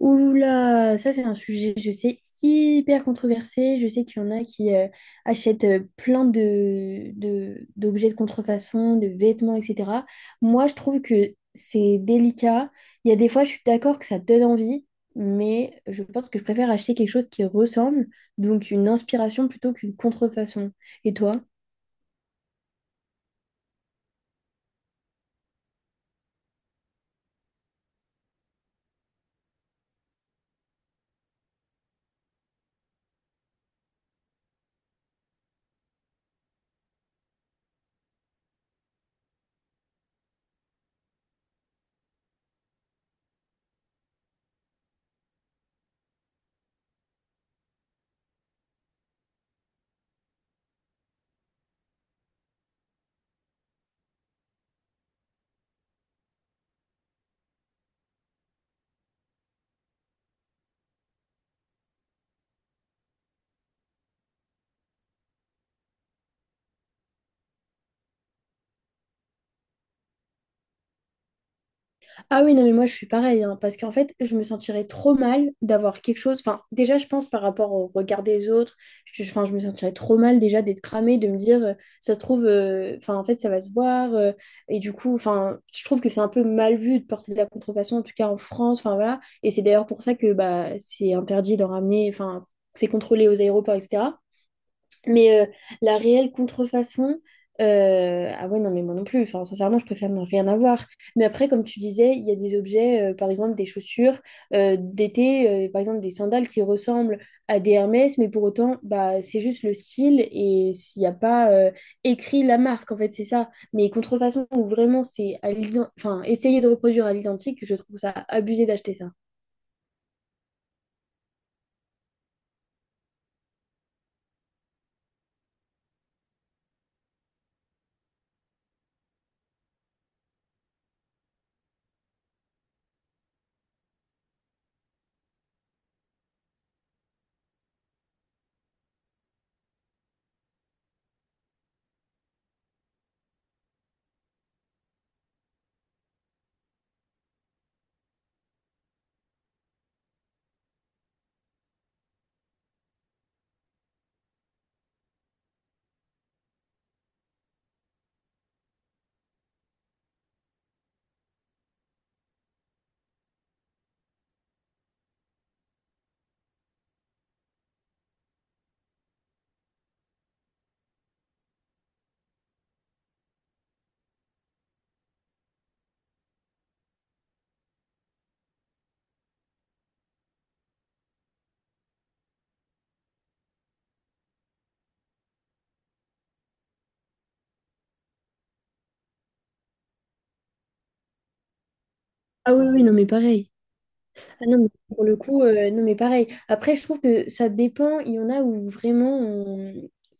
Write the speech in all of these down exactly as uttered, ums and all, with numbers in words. Ouh là, ça c'est un sujet, je sais, hyper controversé. Je sais qu'il y en a qui euh, achètent euh, plein de, de- d'objets de contrefaçon, de vêtements, et cetera. Moi, je trouve que c'est délicat. Il y a des fois, je suis d'accord que ça donne envie, mais je pense que je préfère acheter quelque chose qui ressemble, donc une inspiration plutôt qu'une contrefaçon. Et toi? Ah oui, non, mais moi je suis pareil, hein, parce qu'en fait, je me sentirais trop mal d'avoir quelque chose. Enfin, déjà, je pense par rapport au regard des autres, je, enfin, je me sentirais trop mal déjà d'être cramée, de me dire, euh, ça se trouve, euh, enfin, en fait, ça va se voir. Euh, et du coup, enfin, je trouve que c'est un peu mal vu de porter de la contrefaçon, en tout cas en France, enfin voilà. Et c'est d'ailleurs pour ça que bah, c'est interdit d'en ramener, enfin, c'est contrôlé aux aéroports, et cetera. Mais euh, la réelle contrefaçon, euh, ah ouais, non, mais moi non plus. Enfin, sincèrement, je préfère ne rien avoir. Mais après, comme tu disais, il y a des objets, euh, par exemple des chaussures euh, d'été, euh, par exemple des sandales qui ressemblent à des Hermès, mais pour autant, bah, c'est juste le style et s'il n'y a pas euh, écrit la marque, en fait, c'est ça. Mais contrefaçon, où vraiment, c'est à l'ident- enfin, essayer de reproduire à l'identique, je trouve ça abusé d'acheter ça. Ah oui, oui, non, mais pareil. Ah non, mais pour le coup, euh, non, mais pareil. Après, je trouve que ça dépend. Il y en a où vraiment, on-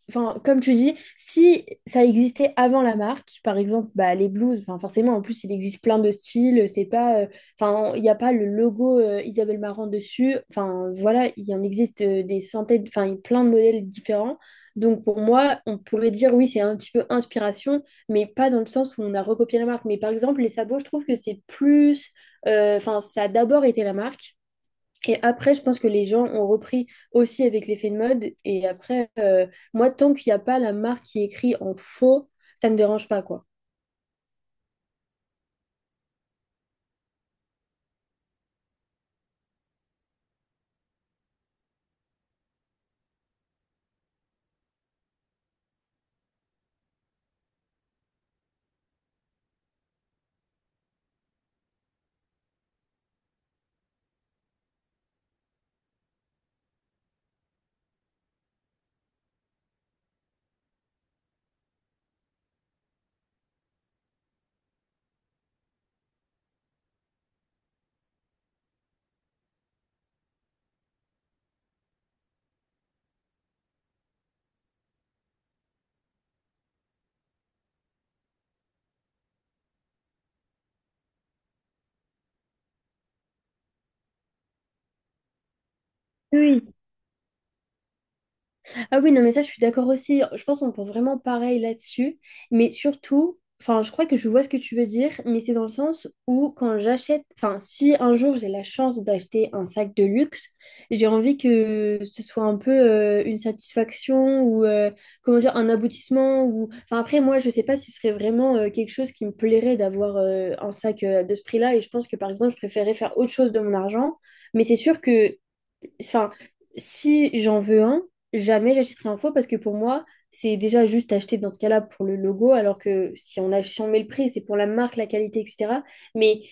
enfin, comme tu dis, si ça existait avant la marque, par exemple, bah, les blues, enfin, forcément, en plus, il existe plein de styles. C'est pas, euh, enfin, il n'y a pas le logo euh, Isabelle Marant dessus. Enfin, voilà, il en existe euh, des centaines, enfin, il y a plein de modèles différents. Donc, pour moi, on pourrait dire, oui, c'est un petit peu inspiration, mais pas dans le sens où on a recopié la marque. Mais par exemple, les sabots, je trouve que c'est plus. Euh, Enfin, ça a d'abord été la marque. Et après, je pense que les gens ont repris aussi avec l'effet de mode. Et après, euh, moi, tant qu'il n'y a pas la marque qui écrit en faux, ça ne me dérange pas, quoi. Ah oui, non, mais ça, je suis d'accord aussi. Je pense qu'on pense vraiment pareil là-dessus. Mais surtout, enfin, je crois que je vois ce que tu veux dire, mais c'est dans le sens où quand j'achète, enfin, si un jour j'ai la chance d'acheter un sac de luxe, j'ai envie que ce soit un peu euh, une satisfaction ou, euh, comment dire, un aboutissement. Ou... Enfin, après, moi, je sais pas si ce serait vraiment euh, quelque chose qui me plairait d'avoir euh, un sac euh, de ce prix-là. Et je pense que, par exemple, je préférais faire autre chose de mon argent. Mais c'est sûr que enfin, si j'en veux un, jamais j'achèterai un faux parce que pour moi, c'est déjà juste acheter dans ce cas-là pour le logo, alors que si on, a, si on met le prix, c'est pour la marque, la qualité, et cetera. Mais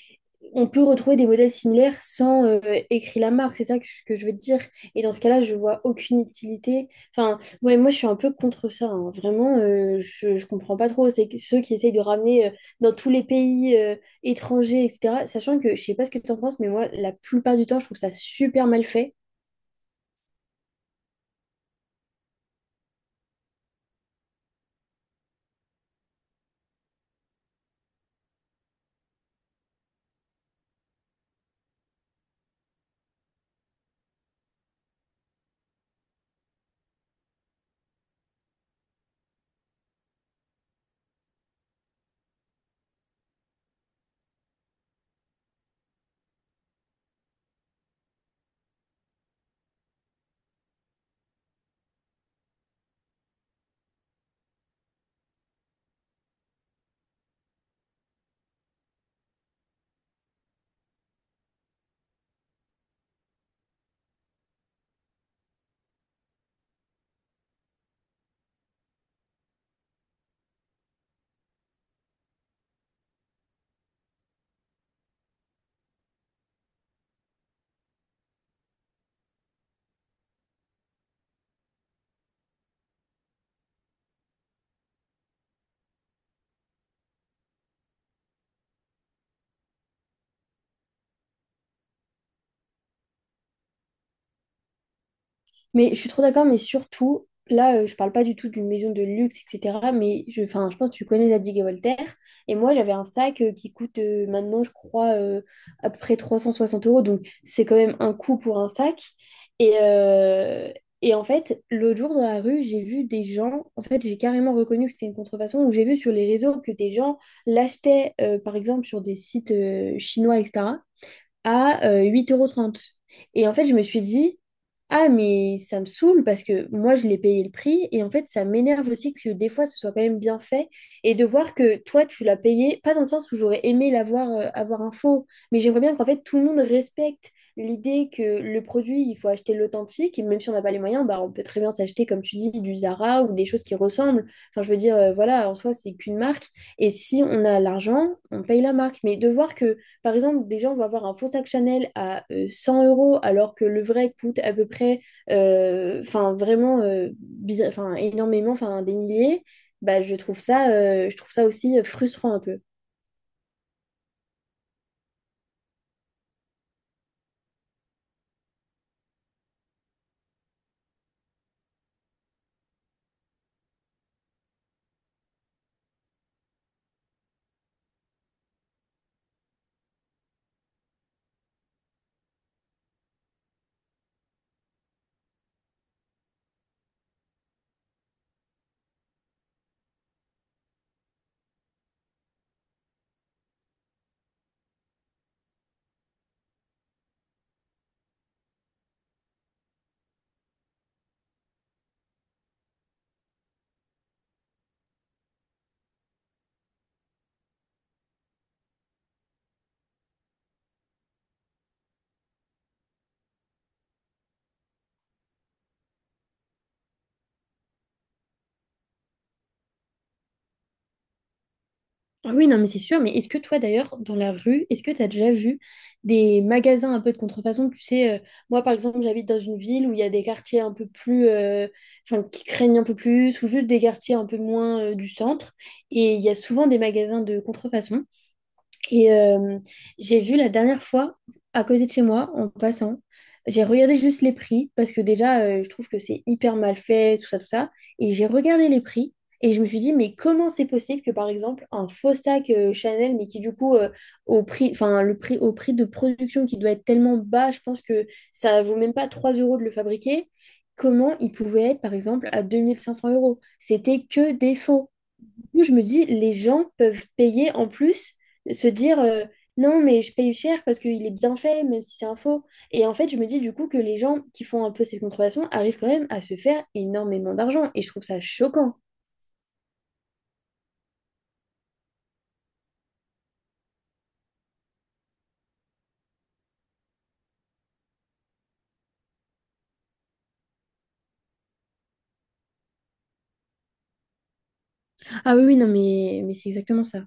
on peut retrouver des modèles similaires sans euh, écrire la marque, c'est ça que, que je veux te dire. Et dans ce cas-là, je vois aucune utilité. Enfin, ouais, moi, je suis un peu contre ça, hein. Vraiment, euh, je, je comprends pas trop. C'est que ceux qui essayent de ramener euh, dans tous les pays euh, étrangers, et cetera. Sachant que je sais pas ce que tu en penses, mais moi, la plupart du temps, je trouve ça super mal fait. Mais je suis trop d'accord, mais surtout, là, euh, je parle pas du tout d'une maison de luxe, et cetera. Mais je, enfin, je pense que tu connais Zadig et Voltaire. Et moi, j'avais un sac euh, qui coûte euh, maintenant, je crois, euh, à peu près trois cent soixante euros. Donc, c'est quand même un coût pour un sac. Et, euh, et en fait, l'autre jour dans la rue, j'ai vu des gens. En fait, j'ai carrément reconnu que c'était une contrefaçon. Ou j'ai vu sur les réseaux que des gens l'achetaient, euh, par exemple, sur des sites euh, chinois, etc. à euh, huit euros trente. Trente. Et en fait, je me suis dit, ah, mais ça me saoule parce que moi, je l'ai payé le prix. Et en fait, ça m'énerve aussi que des fois, ce soit quand même bien fait. Et de voir que toi, tu l'as payé, pas dans le sens où j'aurais aimé l'avoir euh, avoir un faux, mais j'aimerais bien qu'en fait, tout le monde respecte l'idée que le produit, il faut acheter l'authentique. Et même si on n'a pas les moyens, bah, on peut très bien s'acheter, comme tu dis, du Zara ou des choses qui ressemblent. Enfin, je veux dire, euh, voilà, en soi, c'est qu'une marque. Et si on a l'argent, on paye la marque. Mais de voir que par exemple, déjà, on va avoir un faux sac Chanel à euh, cent euros, alors que le vrai coûte à peu près, euh, enfin, vraiment, euh, bizar- enfin, énormément, enfin, des milliers. Bah, je trouve ça, euh, je trouve ça aussi euh, frustrant un peu. Ah oui, non, mais c'est sûr. Mais est-ce que toi, d'ailleurs, dans la rue, est-ce que tu as déjà vu des magasins un peu de contrefaçon? Tu sais, euh, moi, par exemple, j'habite dans une ville où il y a des quartiers un peu plus, euh, enfin, qui craignent un peu plus, ou juste des quartiers un peu moins, euh, du centre. Et il y a souvent des magasins de contrefaçon. Et euh, j'ai vu la dernière fois, à côté de chez moi, en passant, j'ai regardé juste les prix, parce que déjà, euh, je trouve que c'est hyper mal fait, tout ça, tout ça. Et j'ai regardé les prix, et je me suis dit, mais comment c'est possible que, par exemple, un faux sac euh, Chanel, mais qui du coup, euh, au prix, enfin, le prix, au prix de production qui doit être tellement bas, je pense que ça vaut même pas trois euros de le fabriquer, comment il pouvait être, par exemple, à deux mille cinq cents euros? C'était que des faux du coup, je me dis, les gens peuvent payer en plus, se dire euh, non, mais je paye cher parce qu'il est bien fait, même si c'est un faux. Et en fait, je me dis du coup que les gens qui font un peu cette contrefaçon arrivent quand même à se faire énormément d'argent. Et je trouve ça choquant. Ah oui, oui, non, mais, mais c'est exactement ça.